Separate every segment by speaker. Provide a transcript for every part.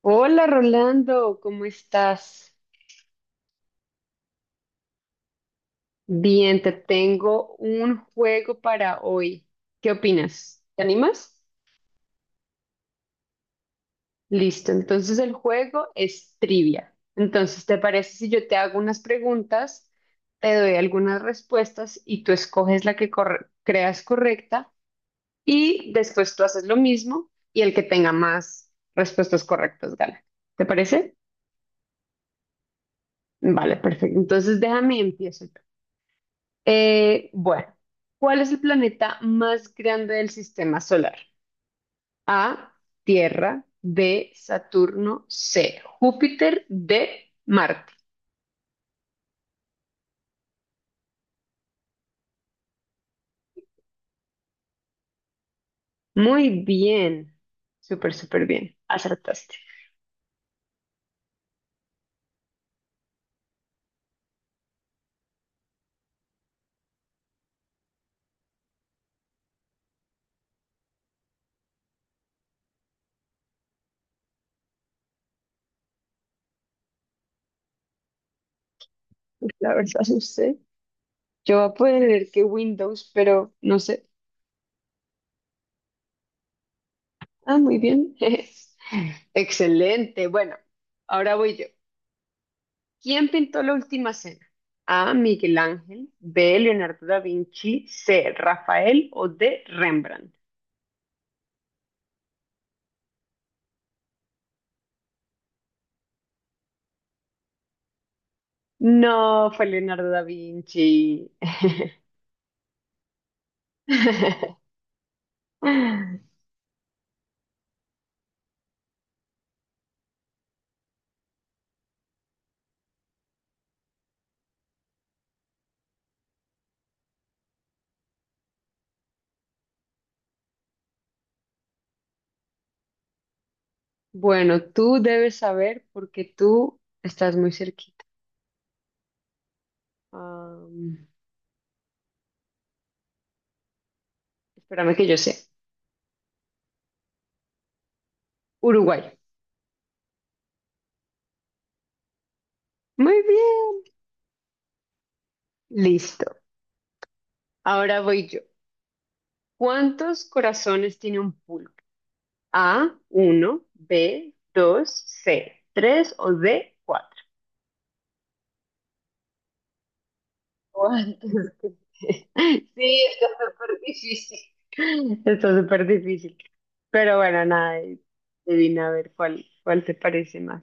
Speaker 1: Hola Rolando, ¿cómo estás? Bien, te tengo un juego para hoy. ¿Qué opinas? ¿Te animas? Listo, entonces el juego es trivia. Entonces, ¿te parece si yo te hago unas preguntas, te doy algunas respuestas y tú escoges la que creas correcta y después tú haces lo mismo y el que tenga más respuestas correctas gana? ¿Te parece? Vale, perfecto. Entonces déjame empiezo. Bueno, ¿cuál es el planeta más grande del sistema solar? A, Tierra, B, Saturno, C, Júpiter, D, Marte. Muy bien, súper, súper bien, acertaste. La verdad, no sé. Yo voy a poner que Windows, pero no sé. Ah, muy bien. Excelente. Bueno, ahora voy yo. ¿Quién pintó la última cena? A. Miguel Ángel, B. Leonardo da Vinci, C. Rafael o D. Rembrandt. No, fue Leonardo da Vinci. Bueno, tú debes saber porque tú estás muy cerquita. Am, espérame que yo sé. Uruguay. Muy bien. Listo. Ahora voy yo. ¿Cuántos corazones tiene un pulpo? A, uno, B, 2, C, 3 o D, cuatro. o antes que te- Sí, está súper difícil. Está súper difícil. Pero bueno, nada, adivina a ver cuál te parece más.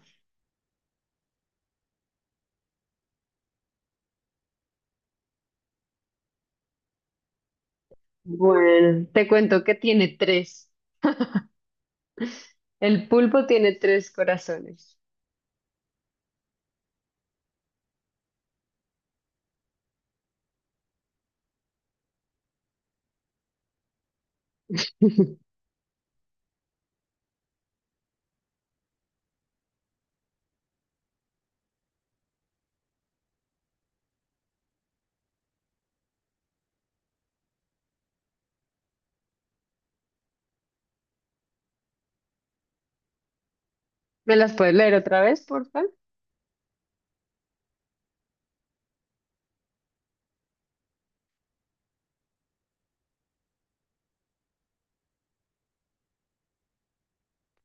Speaker 1: Bueno, te cuento que tiene tres. El pulpo tiene tres corazones. ¿Me las puedes leer otra vez, por favor?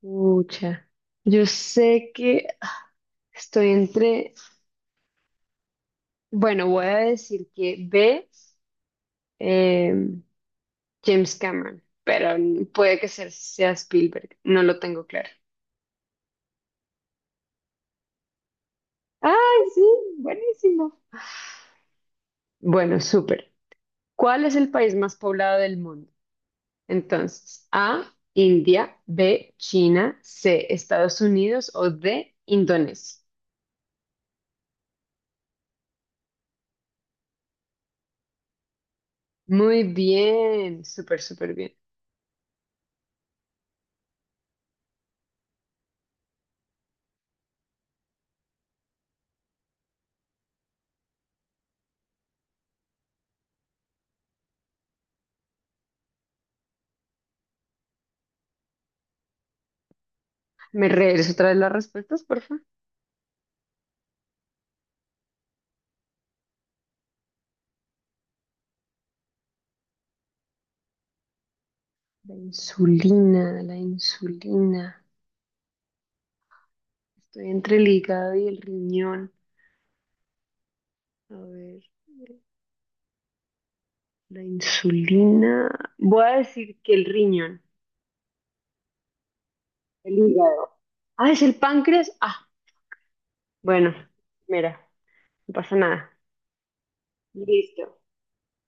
Speaker 1: Pucha. Yo sé que estoy entre. Bueno, voy a decir que B, eh, James Cameron, pero puede que sea Spielberg, no lo tengo claro. ¡Ay, sí! Buenísimo. Bueno, súper. ¿Cuál es el país más poblado del mundo? Entonces, A, India, B, China, C, Estados Unidos o D, Indonesia. Muy bien, súper, súper bien. ¿Me regreso otra vez las respuestas, por favor? La insulina, la insulina. Estoy entre el hígado y el riñón. A ver. La insulina. Voy a decir que el riñón, el hígado. Ah, es el páncreas. Ah, bueno, mira, no pasa nada. Listo.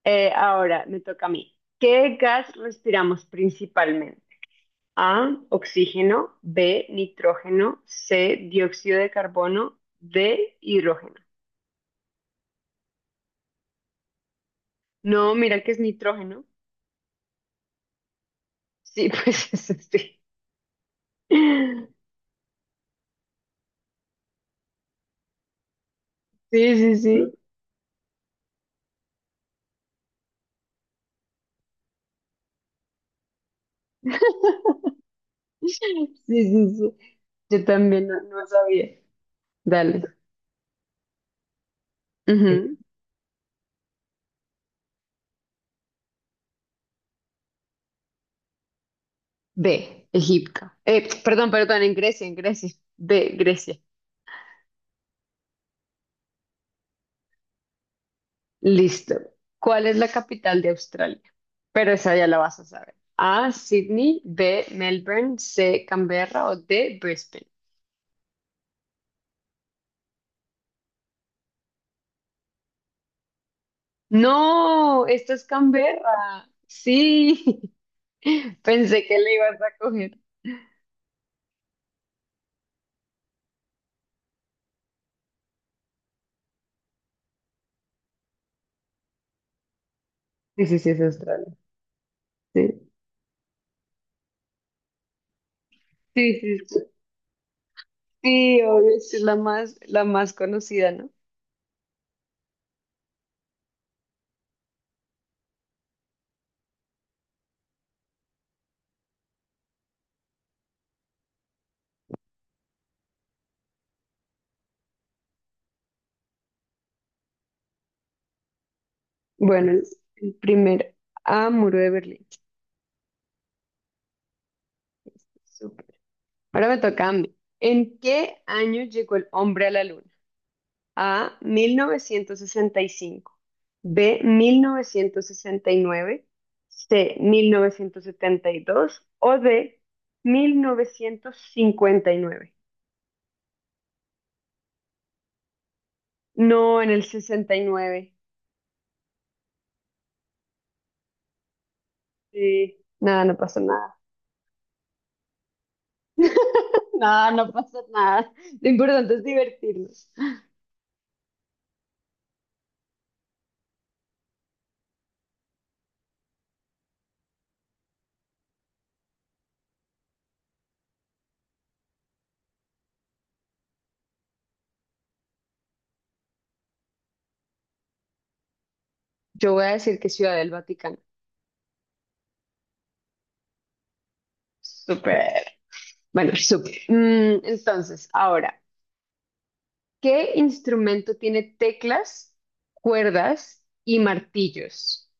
Speaker 1: Ahora me toca a mí. ¿Qué gas respiramos principalmente? A, oxígeno, B, nitrógeno, C, dióxido de carbono, D, hidrógeno. No, mira que es nitrógeno. Sí, pues eso sí. Sí, sí, sí. Sí, sí, sí. Yo también no, no sabía. Dale. Ujú. B, Egipto. Perdón, perdón, en Grecia, en Grecia. B, Grecia. Listo. ¿Cuál es la capital de Australia? Pero esa ya la vas a saber. A, Sydney, B, Melbourne, C, Canberra o D, Brisbane. No, esta es Canberra. Sí, pensé que le ibas a coger. Sí, sí, sí, es Australia. Sí, sí, sí, sí, Sí, obvio, sí, es la más conocida, ¿no? Bueno, el primero. A, Muro de Berlín. Ahora me toca a mí. ¿En qué año llegó el hombre a la luna? A, 1965, B, 1969, C, 1972 O D, 1959. No, en el 69. Sí, nada, no pasa nada. No, no pasa nada. Lo importante es divertirnos. Yo voy a decir que Ciudad del Vaticano. Súper. Bueno, súper. Entonces, ahora. ¿Qué instrumento tiene teclas, cuerdas y martillos?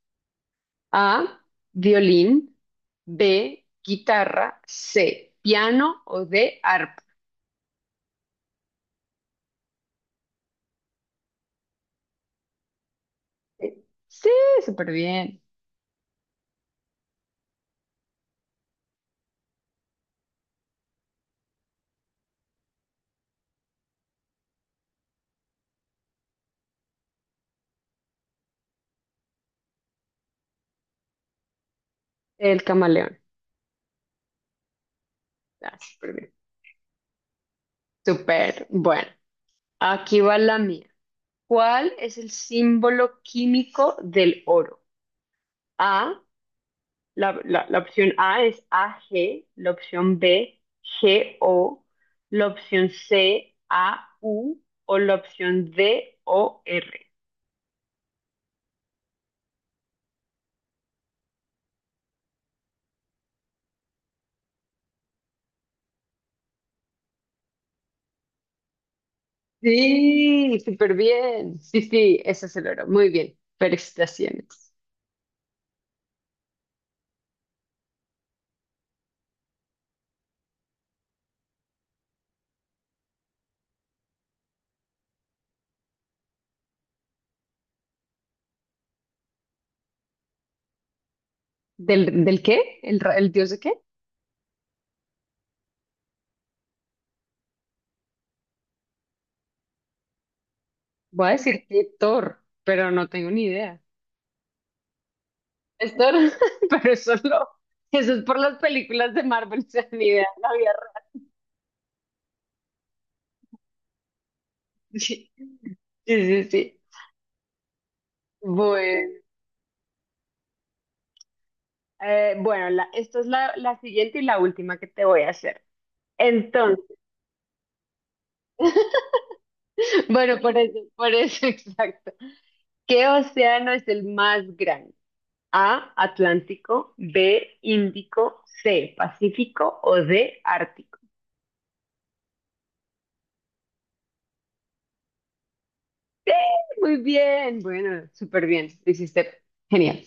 Speaker 1: A, violín, B, guitarra, C, piano o D, arpa. Eh, Sí, súper bien. El camaleón. Ah, súper bien. Súper. Bueno, aquí va la mía. ¿Cuál es el símbolo químico del oro? A, la opción A es AG, la opción B, GO, la opción C, AU o la opción D, OR. Sí, súper bien. Sí, sí, ese es el oro. Muy bien. Felicitaciones. ¿Del qué? ¿El dios de qué? Voy a decir que Thor, pero no tengo ni idea. Es Thor, pero eso lo-. Eso es por las películas de Marvel, o sea, ni idea, no había. Sí, sí. Sí. Bueno. Bueno, esto es la siguiente y la última que te voy a hacer. Entonces, bueno, por eso, exacto. ¿Qué océano es el más grande? A, Atlántico, B, Índico, C, Pacífico o D, Ártico. Muy bien, bueno, súper bien. Lo hiciste genial.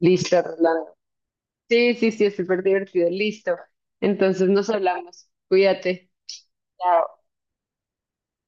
Speaker 1: Listo, Rolando. Sí, sí, sí, es súper divertido. Listo. Entonces nos hablamos. Cuídate. Chao.